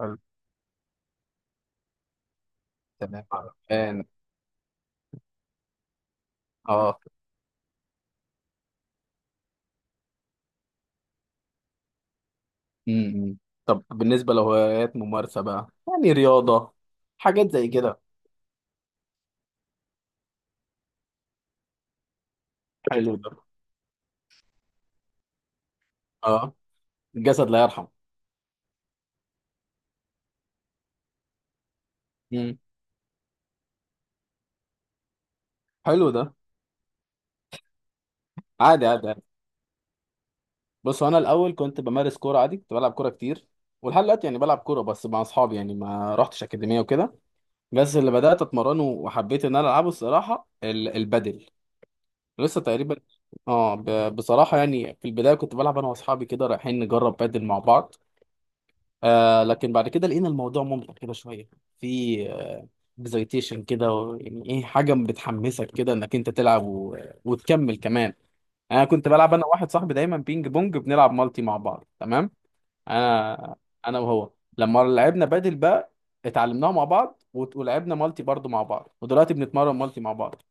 حلو. تمام، عرفان. اه. امم طب بالنسبة لهوايات ممارسة بقى، يعني رياضة، حاجات زي كده؟ حلو ده. اه. الجسد لا يرحم. امم. حلو ده. عادي، عادي، عادي. بص، انا الاول كنت بمارس كورة عادي، كنت بلعب كورة كتير. ولحد دلوقتي يعني بلعب كورة، بس مع اصحابي، يعني ما رحتش اكاديمية وكده. بس اللي بدأت اتمرنه وحبيت ان انا العبه، الصراحة البادل. لسه تقريبا. اه، بصراحة يعني في البداية كنت بلعب انا واصحابي كده، رايحين نجرب بادل مع بعض. لكن بعد كده لقينا الموضوع ممتع كده شويه. في اكزايتيشن كده، يعني ايه، حاجه بتحمسك كده انك انت تلعب وتكمل كمان. انا كنت بلعب انا واحد صاحبي دايما بينج بونج، بنلعب مالتي مع بعض، تمام. انا انا وهو، لما لعبنا بادل بقى، اتعلمناها مع بعض ولعبنا مالتي برضو مع بعض، ودلوقتي بنتمرن مالتي مع بعض.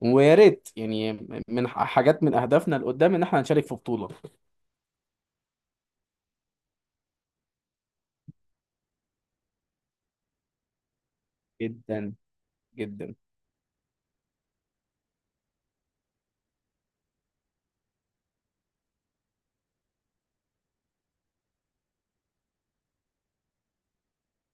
ويا ريت يعني، من حاجات من اهدافنا لقدام ان احنا نشارك في بطوله. جدا، جدا.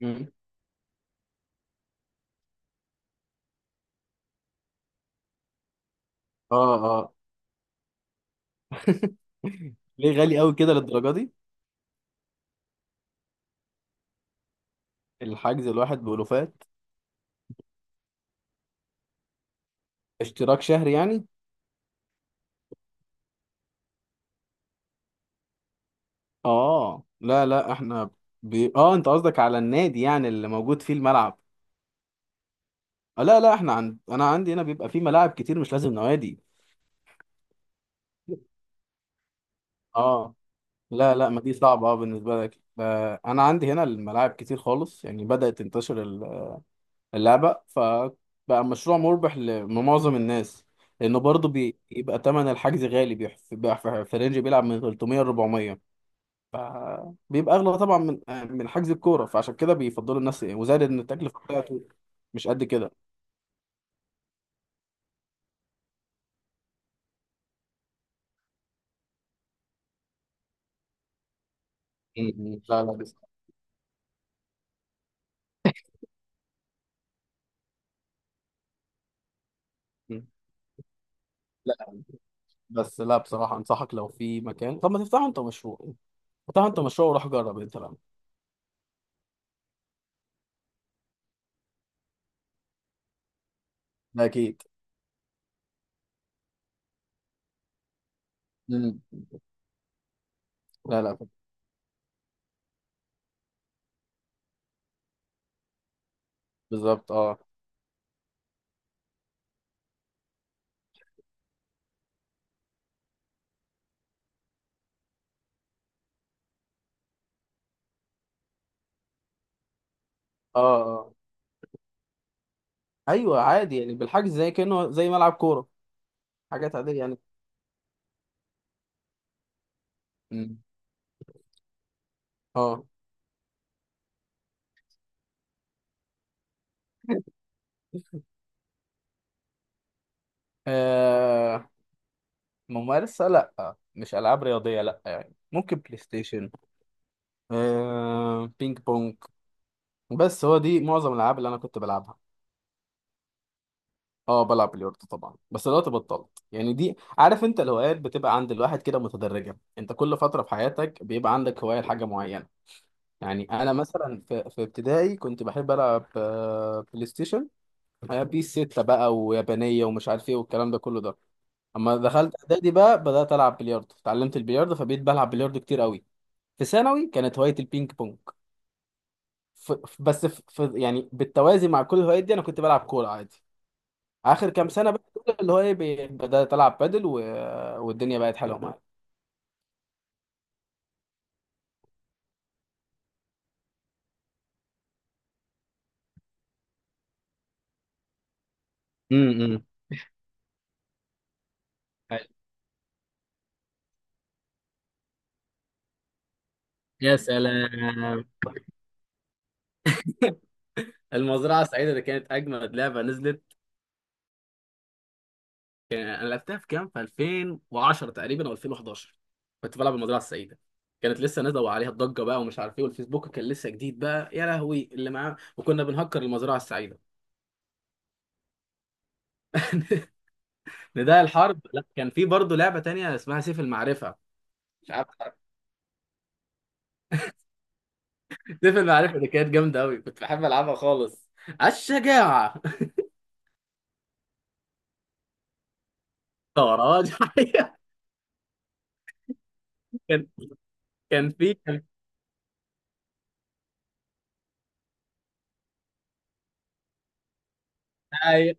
مم. اه. ليه غالي قوي كده للدرجه دي؟ الحجز الواحد بألوفات؟ اشتراك شهري يعني؟ اه، لا لا احنا، اه انت قصدك على النادي، يعني اللي موجود فيه الملعب؟ لا لا احنا، انا عندي هنا بيبقى فيه ملاعب كتير، مش لازم نوادي. اه، لا لا، ما دي صعبة، اه بالنسبة لك. انا عندي هنا الملاعب كتير خالص، يعني بدأت تنتشر اللعبة، فبقى مشروع مربح لمعظم الناس. لانه برضه بيبقى تمن الحجز غالي، في رينج بيلعب من 300 ل 400. فبيبقى اغلى طبعا من حجز الكوره. فعشان كده بيفضلوا الناس، ايه، وزائد ان التكلفه بتاعته مش قد كده. م- م. لا لا، بس. مم. لا، بس لا بصراحه، انصحك لو في مكان، طب ما تفتحوا انت مشروع. افتحوا انت مشروع وروح جرب انت بقى. ده اكيد. م. لا لا، بالظبط. اه، اه، اه. ايوه عادي يعني، بالحجز زي كانه زي ملعب كوره، حاجات عاديه يعني. م. اه. آه، ممارسة، لا مش ألعاب رياضية، لا يعني ممكن بلاي ستيشن، بينج بونج. بس هو دي معظم الالعاب اللي انا كنت بلعبها. اه، بلعب بلياردو طبعا بس دلوقتي بطلت. يعني دي عارف انت، الهوايات بتبقى عند الواحد كده متدرجه، انت كل فتره في حياتك بيبقى عندك هوايه لحاجه معينه. يعني انا مثلا في ابتدائي كنت بحب العب بلاي ستيشن، بيس 6 بقى، ويابانيه ومش عارف ايه والكلام ده كله ده. اما دخلت اعدادي بقى بدات العب بلياردو، اتعلمت البلياردو فبقيت بلعب بلياردو كتير قوي. في ثانوي كانت هوايه البينج بونج. بس يعني بالتوازي مع كل الهوايات دي انا كنت بلعب كوره عادي. اخر كام سنه بقى دول، اللي هو ايه، بدات العب بادل والدنيا بقت حلوه معايا. امم. يا سلام! المزرعه السعيده دي كانت اجمد لعبه نزلت. انا لعبتها في كام، في 2010 تقريبا او 2011. كنت بلعب المزرعه السعيده، كانت لسه نازله وعليها الضجه بقى، ومش عارف ايه، والفيسبوك كان لسه جديد بقى يا لهوي اللي معاه، وكنا بنهكر المزرعه السعيده. نداء الحرب، لا كان في برضه لعبه تانية اسمها سيف المعرفه. مش عارف. سيف المعرفة اللي كانت جامدة أوي، كنت بحب ألعبها خالص. على الشجاعة. طراج. كان كان في كان أيوة.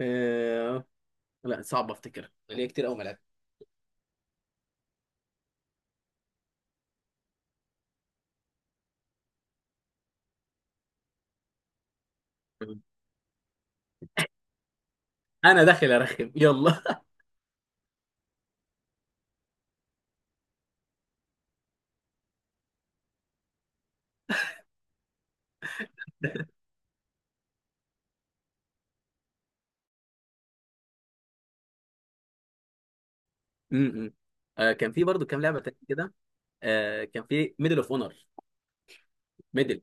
آه، لا، صعب أفتكر، ليا كتير أوي ما لعبت. أنا داخل أرخم، يلا. م-م. كان في برضو كام لعبة تانية كده. كان في ميدل أوف أونر. ميدل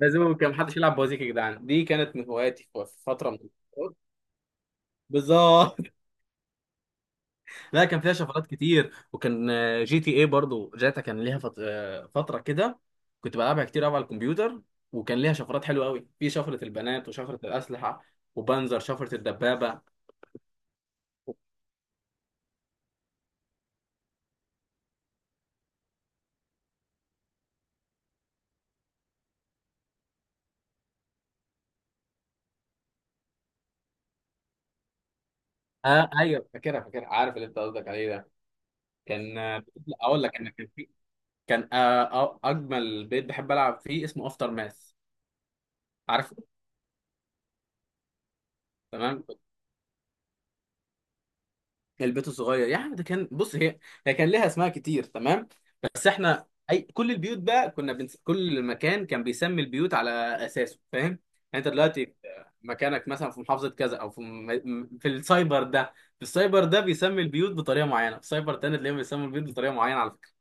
لازم كان محدش يلعب بوازيك يا جدعان، دي كانت من هواياتي في فترة من الفترات. بالظبط. لا، كان فيها شفرات كتير، وكان جي تي اي برضو، جاتا كان ليها فترة كده. كنت بلعبها كتير قوي على الكمبيوتر، وكان ليها شفرات حلوة قوي، في شفرة البنات وشفرة الأسلحة وبنزر شفرة الدبابة. اه ايوه، فاكرها فاكرها، عارف اللي انت قصدك عليه ده. كان آه، لا، اقول لك، انا كان في، كان اجمل بيت بحب العب فيه اسمه افتر ماث. عارفه. تمام. البيت الصغير يا عم ده كان، بص هي هي كان ليها اسماء كتير، تمام. بس احنا، كل البيوت بقى كنا كل مكان كان بيسمي البيوت على اساسه، فاهم. يعني انت دلوقتي في مكانك مثلا، في محافظه كذا، او في في السايبر ده، بيسمي البيوت بطريقه معينه، في سايبر تاني تلاقيهم بيسموا البيوت بطريقه معينه، على فكره.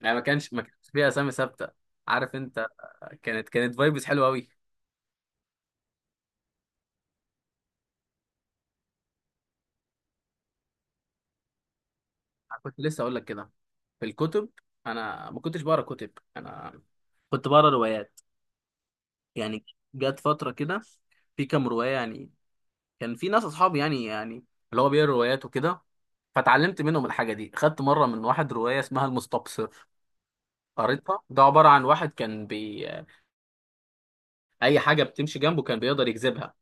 يعني ما كانش فيها اسامي ثابته، عارف انت. كانت فايبس حلوه قوي. كنت لسه اقول لك كده، في الكتب. انا ما كنتش بقرا كتب، انا كنت بقرا روايات، يعني. جت فترة كده، في كام رواية يعني، كان في ناس أصحابي يعني اللي هو بيقرا روايات وكده، فتعلمت منهم الحاجة دي. خدت مرة من واحد رواية اسمها المستبصر، قريتها، ده عبارة عن واحد كان، أي حاجة بتمشي جنبه كان بيقدر يجذبها.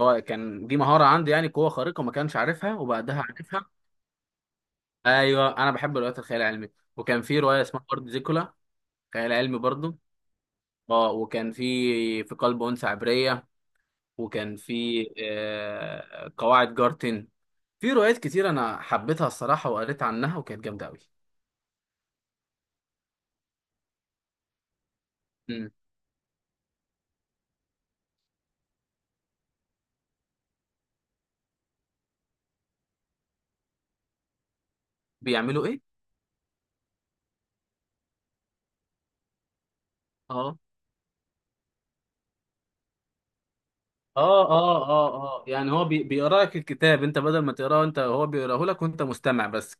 هو كان دي مهارة عنده، يعني قوة خارقة ما كانش عارفها وبعدها عارفها. أيوه، أنا بحب روايات الخيال العلمي. وكان في رواية اسمها أرض زيكولا، خيال علمي برضه. اه، وكان في في قلب أنثى عبرية، وكان في قواعد جارتن. في روايات كتير انا حبيتها الصراحه، وقريت عنها وكانت جامده قوي. مم. بيعملوا ايه؟ اه، اه، اه. اه اه، يعني هو بيقرا لك الكتاب، انت بدل ما تقراه انت، هو بيقراه لك وانت مستمع بس.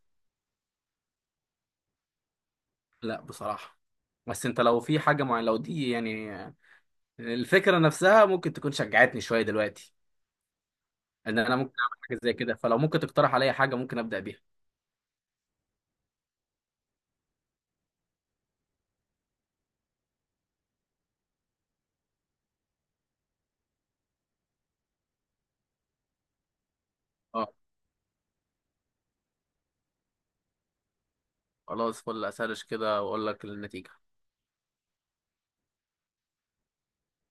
لا بصراحه. بس انت لو في حاجه معينه، لو دي يعني، الفكره نفسها ممكن تكون شجعتني شويه دلوقتي، ان انا ممكن اعمل حاجه زي كده، فلو ممكن تقترح عليا حاجه ممكن ابدا بيها. اه، خلاص فل اسرش كده واقول لك النتيجه.